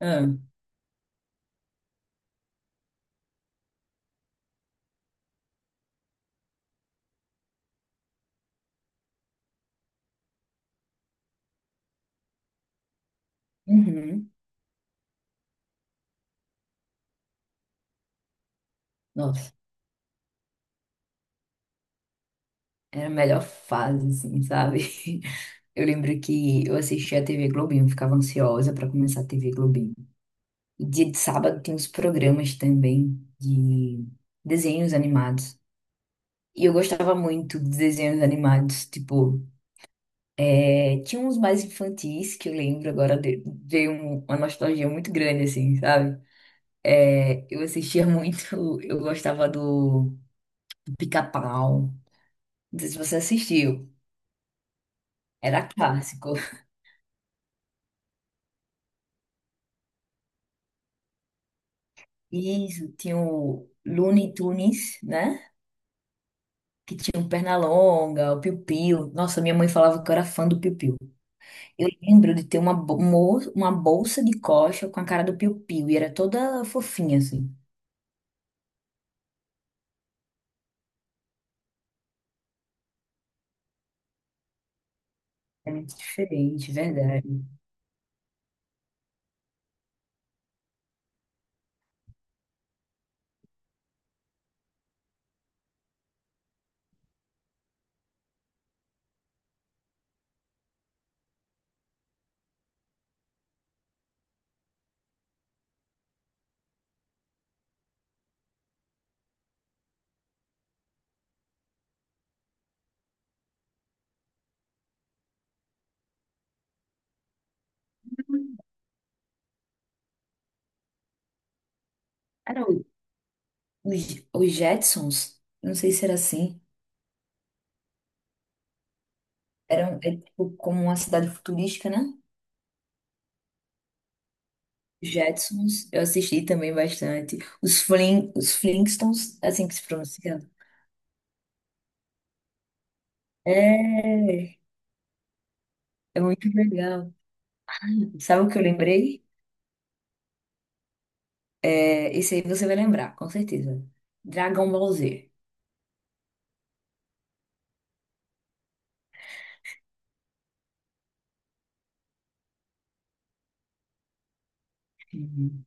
Ah, uhum. Nossa, era a melhor fase, assim, sabe? Eu lembro que eu assistia a TV Globinho, ficava ansiosa pra começar a TV Globinho. E dia de sábado tem uns programas também de desenhos animados. E eu gostava muito de desenhos animados, tipo, tinha uns mais infantis que eu lembro agora, veio uma nostalgia muito grande, assim, sabe? Eu assistia muito, eu gostava do Pica-Pau. Não sei se você assistiu. Era clássico. E tinha o Looney Tunes, né? Que tinha o Pernalonga, o Piu Piu. Nossa, minha mãe falava que eu era fã do Piu Piu. Eu lembro de ter uma, uma bolsa de coxa com a cara do Piu Piu. E era toda fofinha, assim. É muito diferente, verdade. Era o- os Jetsons. Não sei se era assim. Era é tipo como uma cidade futurística, né? Jetsons, eu assisti também bastante. Os Flintstones, assim que se pronuncia. É, é muito legal. Sabe o que eu lembrei? É, esse aí você vai lembrar, com certeza. Dragon Ball Z. Uhum.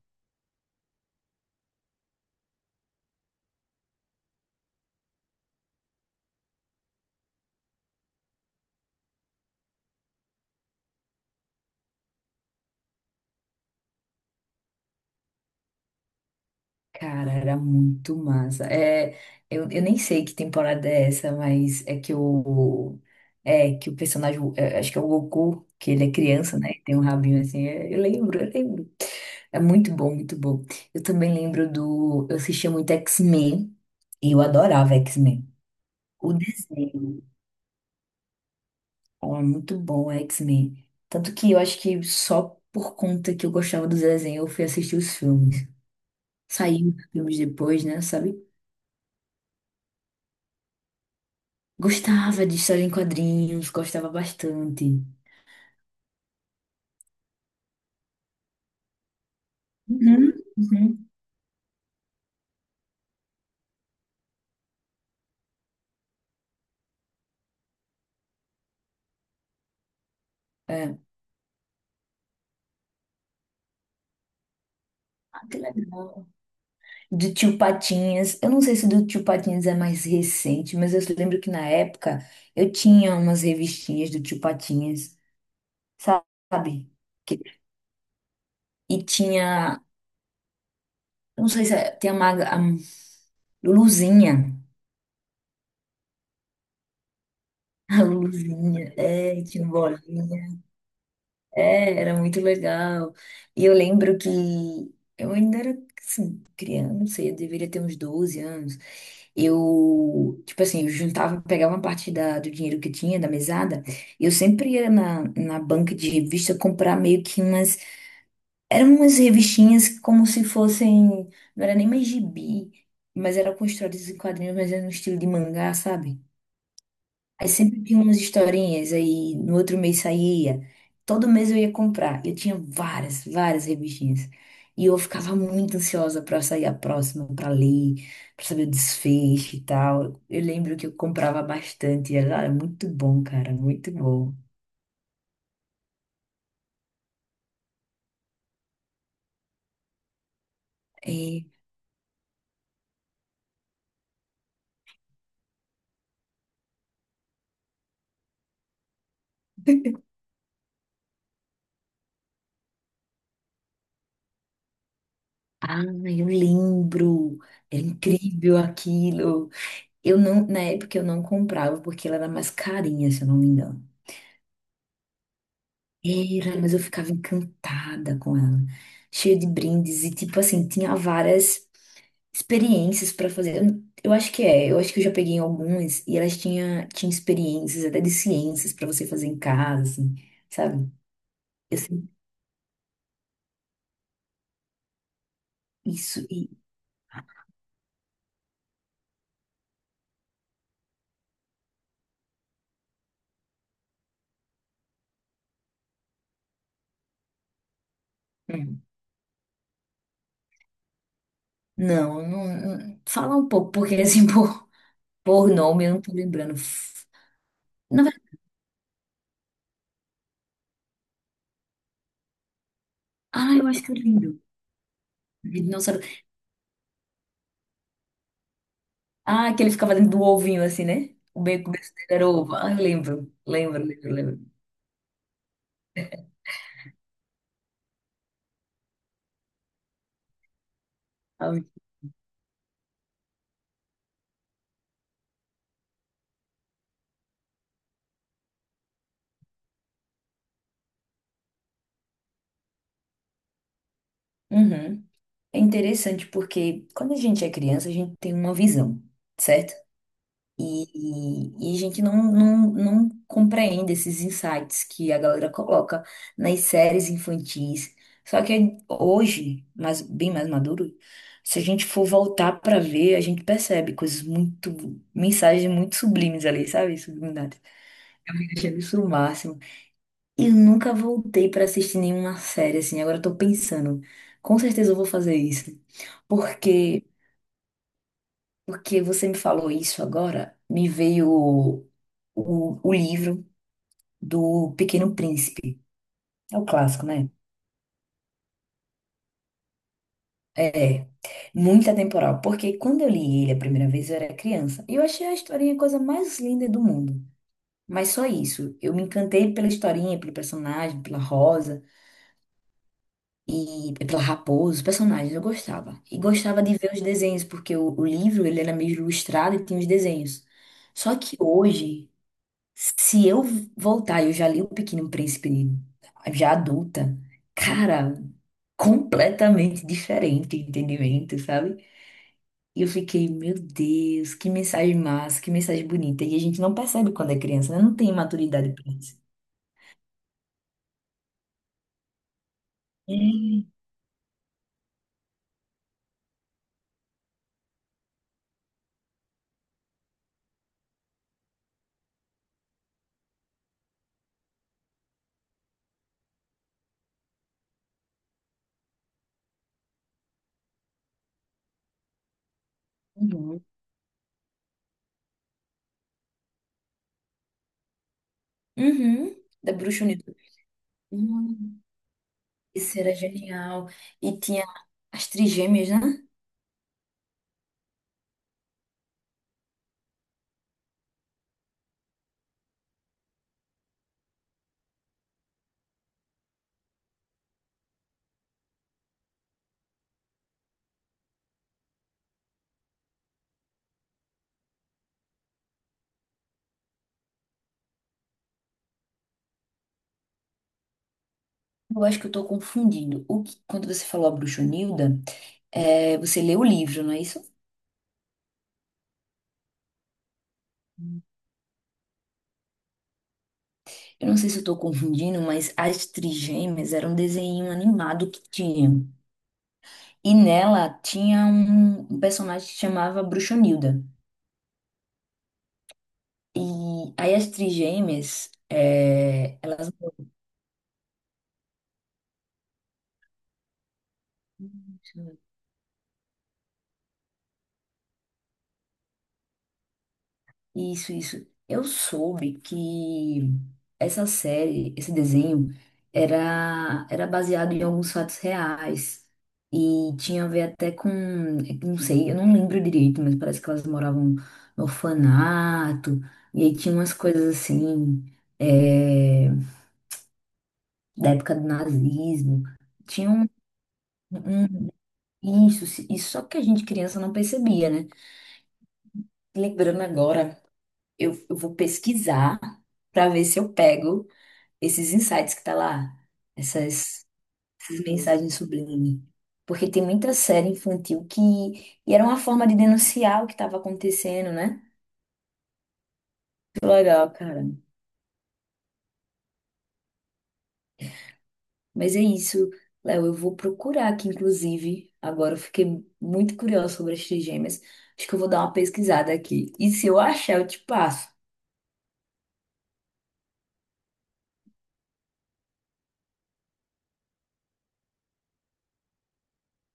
Cara, era muito massa. É, eu nem sei que temporada é essa, mas é, que o personagem, é, acho que é o Goku, que ele é criança, né? Tem um rabinho assim. É, eu lembro, eu lembro. É muito bom, muito bom. Eu também lembro do. Eu assistia muito X-Men e eu adorava X-Men. O desenho. Oh, é muito bom, X-Men. Tanto que eu acho que só por conta que eu gostava dos desenhos, eu fui assistir os filmes. Saíram os filmes depois, né? Sabe? Gostava de história em quadrinhos, gostava bastante. Uhum, uhum. É. Ah, que legal. Do Tio Patinhas. Eu não sei se do Tio Patinhas é mais recente, mas eu lembro que na época eu tinha umas revistinhas do Tio Patinhas, sabe? Que- E tinha. Eu não sei se é- tem a, maga, a Luzinha. A luzinha, é, tinha um bolinha. É, era muito legal. E eu lembro que eu ainda era, assim, criança, não sei, eu deveria ter uns 12 anos. Eu, tipo assim, eu juntava, pegava uma parte da, do dinheiro que eu tinha, da mesada, e eu sempre ia na, na banca de revista comprar meio que umas. Eram umas revistinhas como se fossem. Não era nem mais gibi, mas eram construídas em quadrinhos, mas era no estilo de mangá, sabe? Aí sempre tinha umas historinhas, aí no outro mês saía. Todo mês eu ia comprar. Eu tinha várias, várias revistinhas. E eu ficava muito ansiosa para sair a próxima, para ler, para saber o desfecho e tal. Eu lembro que eu comprava bastante. Era muito bom, cara, muito bom. É, Ah, eu lembro. Era incrível aquilo. Eu não, na época eu não comprava porque ela era mais carinha, se eu não me engano. Era, mas eu ficava encantada com ela, cheia de brindes e tipo assim, tinha várias experiências pra fazer. Eu acho que é, eu acho que eu já peguei algumas e elas tinha experiências até de ciências pra você fazer em casa, assim, sabe? Eu sei isso e hum, não, não, não- fala um pouco porque assim por nome eu não tô lembrando. Na verdade, ah, eu acho que eu lembro. Não sabe. Ah, que ele ficava dentro do ovinho assim, né? O bacon dele era ovo. Ah, eu lembro, lembro, lembro, lembro. Uhum. É interessante porque quando a gente é criança, a gente tem uma visão, certo? E, e a gente não compreende esses insights que a galera coloca nas séries infantis. Só que hoje, mas bem mais maduro, se a gente for voltar pra ver, a gente percebe coisas muito, mensagens muito sublimes ali, sabe? Subliminares. Eu achei isso o máximo. Eu nunca voltei pra assistir nenhuma série, assim. Agora eu tô pensando. Com certeza eu vou fazer isso. Porque, porque você me falou isso agora, me veio o livro do Pequeno Príncipe. É o clássico, né? É, muito atemporal. Porque quando eu li ele a primeira vez, eu era criança. E eu achei a historinha a coisa mais linda do mundo. Mas só isso. Eu me encantei pela historinha, pelo personagem, pela Rosa, e pela Raposo, os personagens, eu gostava. E gostava de ver os desenhos, porque o livro ele era meio ilustrado e tinha os desenhos. Só que hoje, se eu voltar, eu já li O Pequeno Príncipe, já adulta, cara, completamente diferente o entendimento, sabe? E eu fiquei, meu Deus, que mensagem massa, que mensagem bonita. E a gente não percebe quando é criança, né? Não tem maturidade pra isso. É. Uhum. Uhum. Da Bruxa Unida. Isso era genial. E tinha as trigêmeas, né? Eu acho que eu tô confundindo. O que- quando você falou a Bruxonilda, é, você leu o livro, não é isso? Eu não sei se eu tô confundindo, mas as trigêmeas era um desenho animado que tinha. E nela tinha um personagem que chamava Bruxonilda. E aí as trigêmeas, é, elas Isso, isso. Eu soube que essa série, esse desenho, era baseado em alguns fatos reais. E tinha a ver até com, não sei, eu não lembro direito, mas parece que elas moravam no orfanato. E aí tinha umas coisas assim, é, da época do nazismo. Tinha um- isso, isso só que a gente criança não percebia, né? Lembrando agora, eu vou pesquisar para ver se eu pego esses insights que tá lá, essas, essas mensagens sublimes. Porque tem muita série infantil que. E era uma forma de denunciar o que estava acontecendo, né? Muito legal, cara. Mas é isso, Léo. Eu vou procurar aqui, inclusive. Agora eu fiquei muito curiosa sobre as trigêmeas. Acho que eu vou dar uma pesquisada aqui. E se eu achar, eu te passo.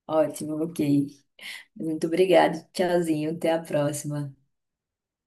Ótimo, ok. Muito obrigada. Tchauzinho. Até a próxima.